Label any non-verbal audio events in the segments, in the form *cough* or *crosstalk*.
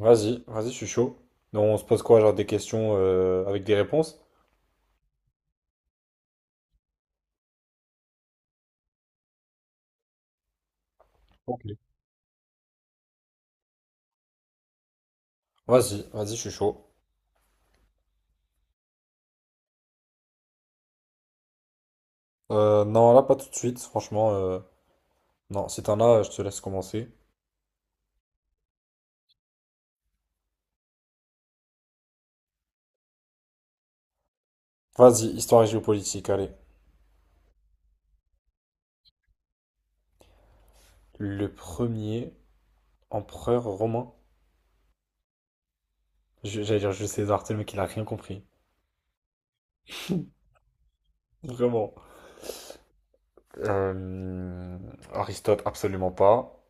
Vas-y, vas-y, je suis chaud. Donc, on se pose quoi, genre des questions avec des réponses? Ok. Vas-y, vas-y, je suis chaud. Non, là, pas tout de suite, franchement. Non, si t'en as, je te laisse commencer. Vas-y, histoire et géopolitique, allez. Le premier empereur romain. J'allais dire Jules César, c'est le mec, il a rien compris. Vraiment. Euh, Aristote, absolument pas.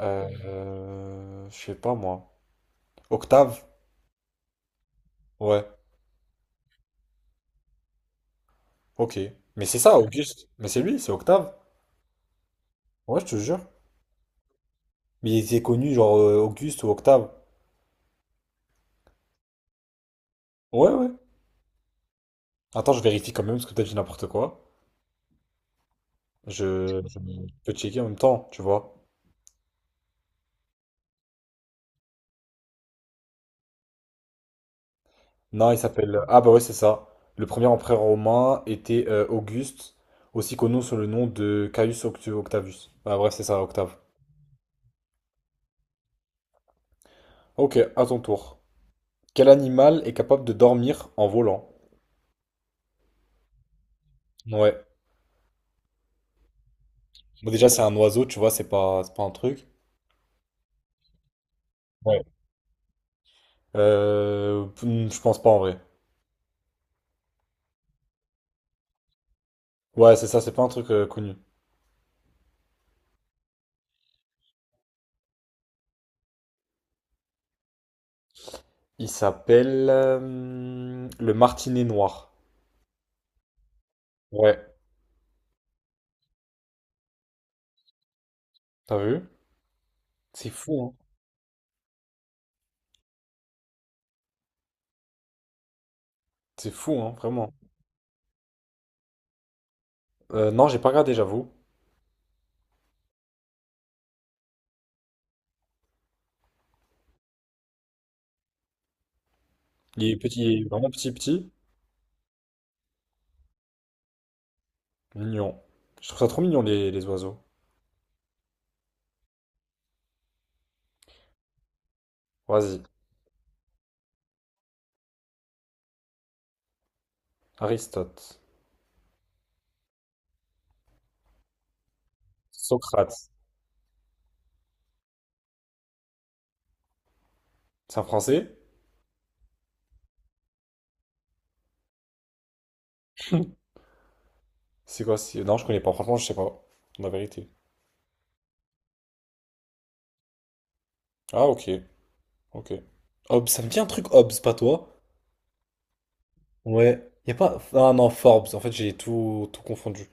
Je sais pas, moi. Octave? Ouais, ok. Mais c'est ça, Auguste. Mais c'est lui, c'est Octave. Ouais, je te jure. Mais il était connu, genre Auguste ou Octave. Ouais, ouais. Attends, je vérifie quand même, parce que peut-être j'ai n'importe quoi. Je peux checker en même temps, tu vois. Non, il s'appelle. Ah, bah ouais, c'est ça. Le premier empereur romain était Auguste, aussi connu sous le nom de Caius Octavius. Ah, bref, c'est ça, Octave. Ok, à ton tour. Quel animal est capable de dormir en volant? Ouais. Bon, déjà, c'est un oiseau, tu vois, c'est pas un truc. Ouais. Je pense pas en vrai. Ouais, c'est ça, c'est pas un truc connu. Il s'appelle le Martinet Noir. Ouais, t'as vu? C'est fou, hein? C'est fou, hein, vraiment. Non, j'ai pas regardé, j'avoue. Il est petit, il est vraiment petit. Mignon. Je trouve ça trop mignon, les oiseaux. Vas-y. Aristote. Socrate. C'est un français? Non, je connais pas. Franchement, je sais pas. La vérité. Ah, ok. Ok. Hobbes, ça me dit un truc, Hobbes, pas toi? Ouais. Y a pas. Ah non, Forbes. En fait, j'ai tout confondu.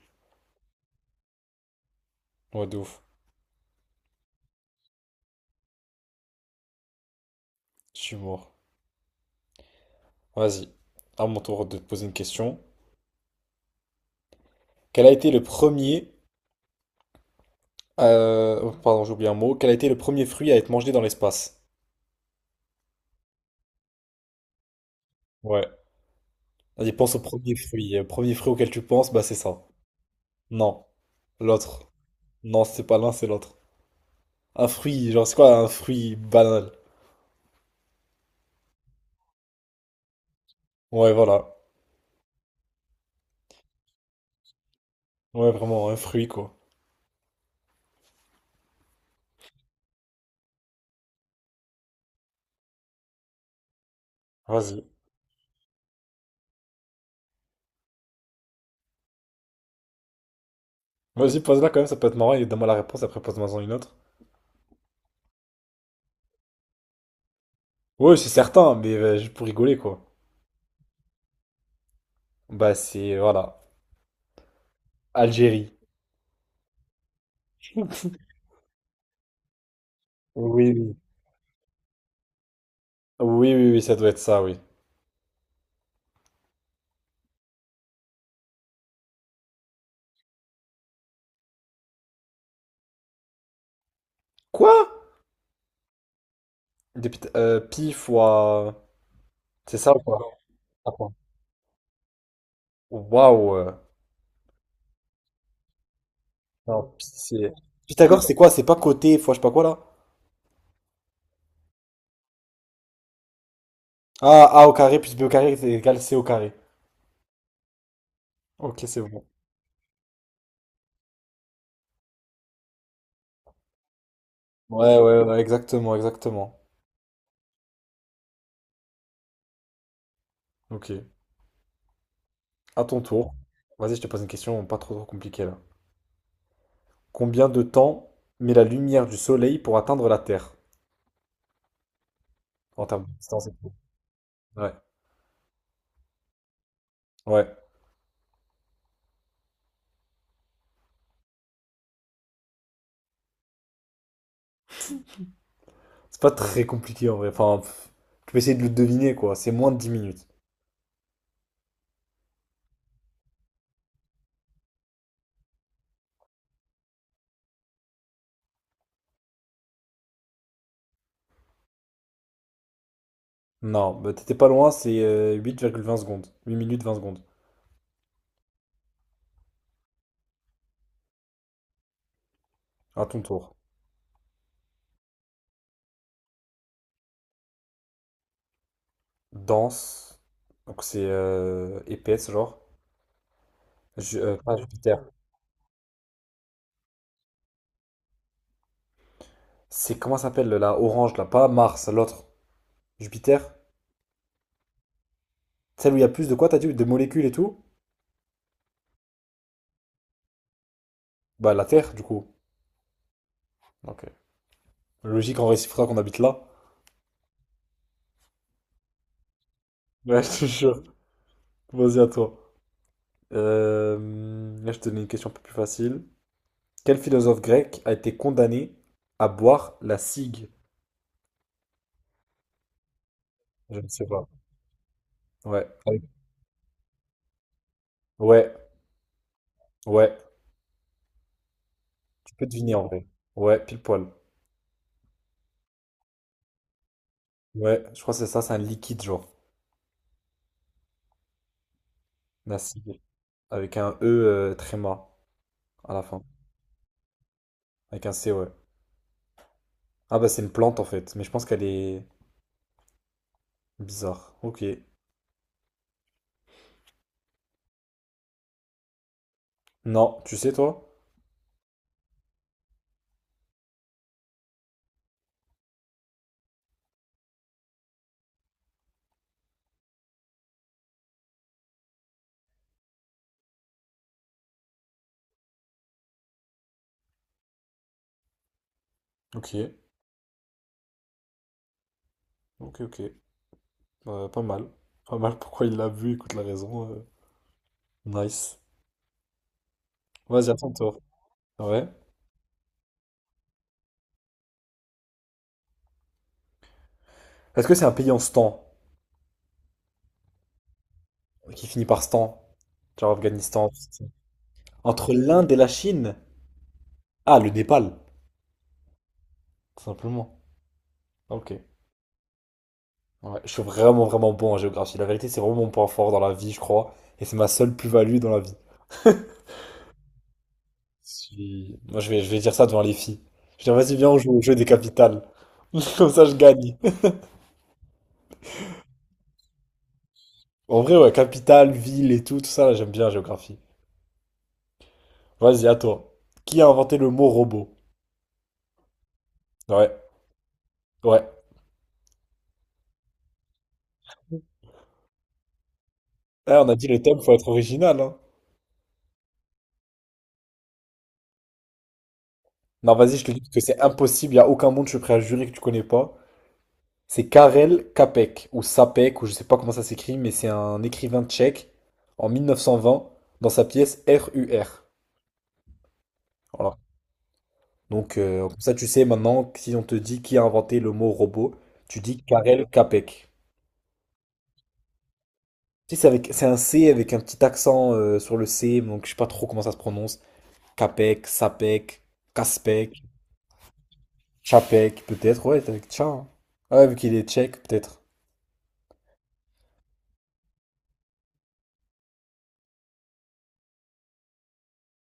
Ouais, de ouf. Je suis mort. Vas-y, à mon tour de te poser une question. Quel a été le premier... oh, Pardon, j'ai oublié un mot. Quel a été le premier fruit à être mangé dans l'espace? Ouais. Vas-y, pense au premier fruit. Le premier fruit auquel tu penses, bah c'est ça. Non. L'autre. Non, c'est pas l'un, c'est l'autre. Un fruit, genre c'est quoi un fruit banal? Ouais, voilà. Ouais, vraiment, un fruit quoi. Vas-y. Vas-y, pose-la quand même, ça peut être marrant et donne-moi la réponse, après pose-moi-en une autre. Ouais, c'est certain, mais juste pour rigoler quoi. Bah c'est... Voilà. Algérie. Oui, oui. Oui, oui, oui, ça doit être ça, oui. Quoi? Pi fois... C'est ça ou quoi? Attends. Waouh! Non, pi c'est... Pythagore c'est quoi? C'est pas côté fois je sais pas quoi là? Ah, a au carré plus b au carré c'est égal c au carré. Ok, c'est bon. Ouais, ouais, ouais, exactement, exactement. Ok. À ton tour. Vas-y, je te pose une question pas trop compliquée là. Combien de temps met la lumière du soleil pour atteindre la Terre? En termes de distance et tout. Ouais. Ouais. C'est pas très compliqué en vrai. Enfin, pff, tu peux essayer de le deviner quoi. C'est moins de 10 minutes. Non, bah, t'étais pas loin, c'est huit virgule vingt secondes. Huit minutes 20 secondes. À ton tour. Dense. Donc c'est épaisse, genre. Pas Jupiter. C'est comment ça s'appelle la orange là? Pas Mars, l'autre. Jupiter? Celle où il y a plus de quoi, t'as dit? De molécules et tout? Bah la Terre, du coup. Ok. Logique en réciproque qu'on habite là. Ouais, *laughs* je te jure. Vas-y à toi. Là, je te donne une question un peu plus facile. Quel philosophe grec a été condamné à boire la cigue? Je ne sais pas. Ouais. Ouais, ouais, tu peux deviner en vrai. Ouais, pile poil. Ouais, je crois que c'est ça, c'est un liquide genre. Nassif. Avec un E tréma à la fin. Avec un C, ouais. Ah bah c'est une plante en fait, mais je pense qu'elle est bizarre. Ok. Non, tu sais toi? Ok, ok, ok. Pas mal. Pas mal, pourquoi il l'a vu, écoute la raison. Nice. Vas-y, à ton tour. Ouais. Est-ce que c'est un pays en stan? Qui finit par stan? Genre Afghanistan. Tout ça. Entre l'Inde et la Chine? Ah, le Népal. Tout simplement. Ok. Ouais, je suis vraiment bon en géographie. La vérité, c'est vraiment mon point fort dans la vie, je crois. Et c'est ma seule plus-value dans la vie. Moi, je vais dire ça devant les filles. Je dis, vas-y, viens, on joue au jeu des capitales. *laughs* Comme ça, je gagne. En vrai, ouais, capitale, ville et tout, tout ça, là, j'aime bien la géographie. Vas-y, à toi. Qui a inventé le mot robot? Ouais, ouais. Eh, on a dit le thème, faut être original, hein. Non, vas-y, je te dis parce que c'est impossible, il a aucun monde, je suis prêt à jurer que tu connais pas. C'est Karel Čapek ou Sapek ou je sais pas comment ça s'écrit, mais c'est un écrivain tchèque en 1920 dans sa pièce RUR. Voilà. Donc comme ça tu sais maintenant que si on te dit qui a inventé le mot robot, tu dis Karel Čapek. Tu c'est avec c'est un C avec un petit accent sur le C, donc je sais pas trop comment ça se prononce. Kapek, Sapek, Kaspek, Chapek peut-être. Ouais, c'est avec Tcha. Hein. Ouais, vu qu'il est tchèque peut-être.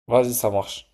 Vas-y, ça marche.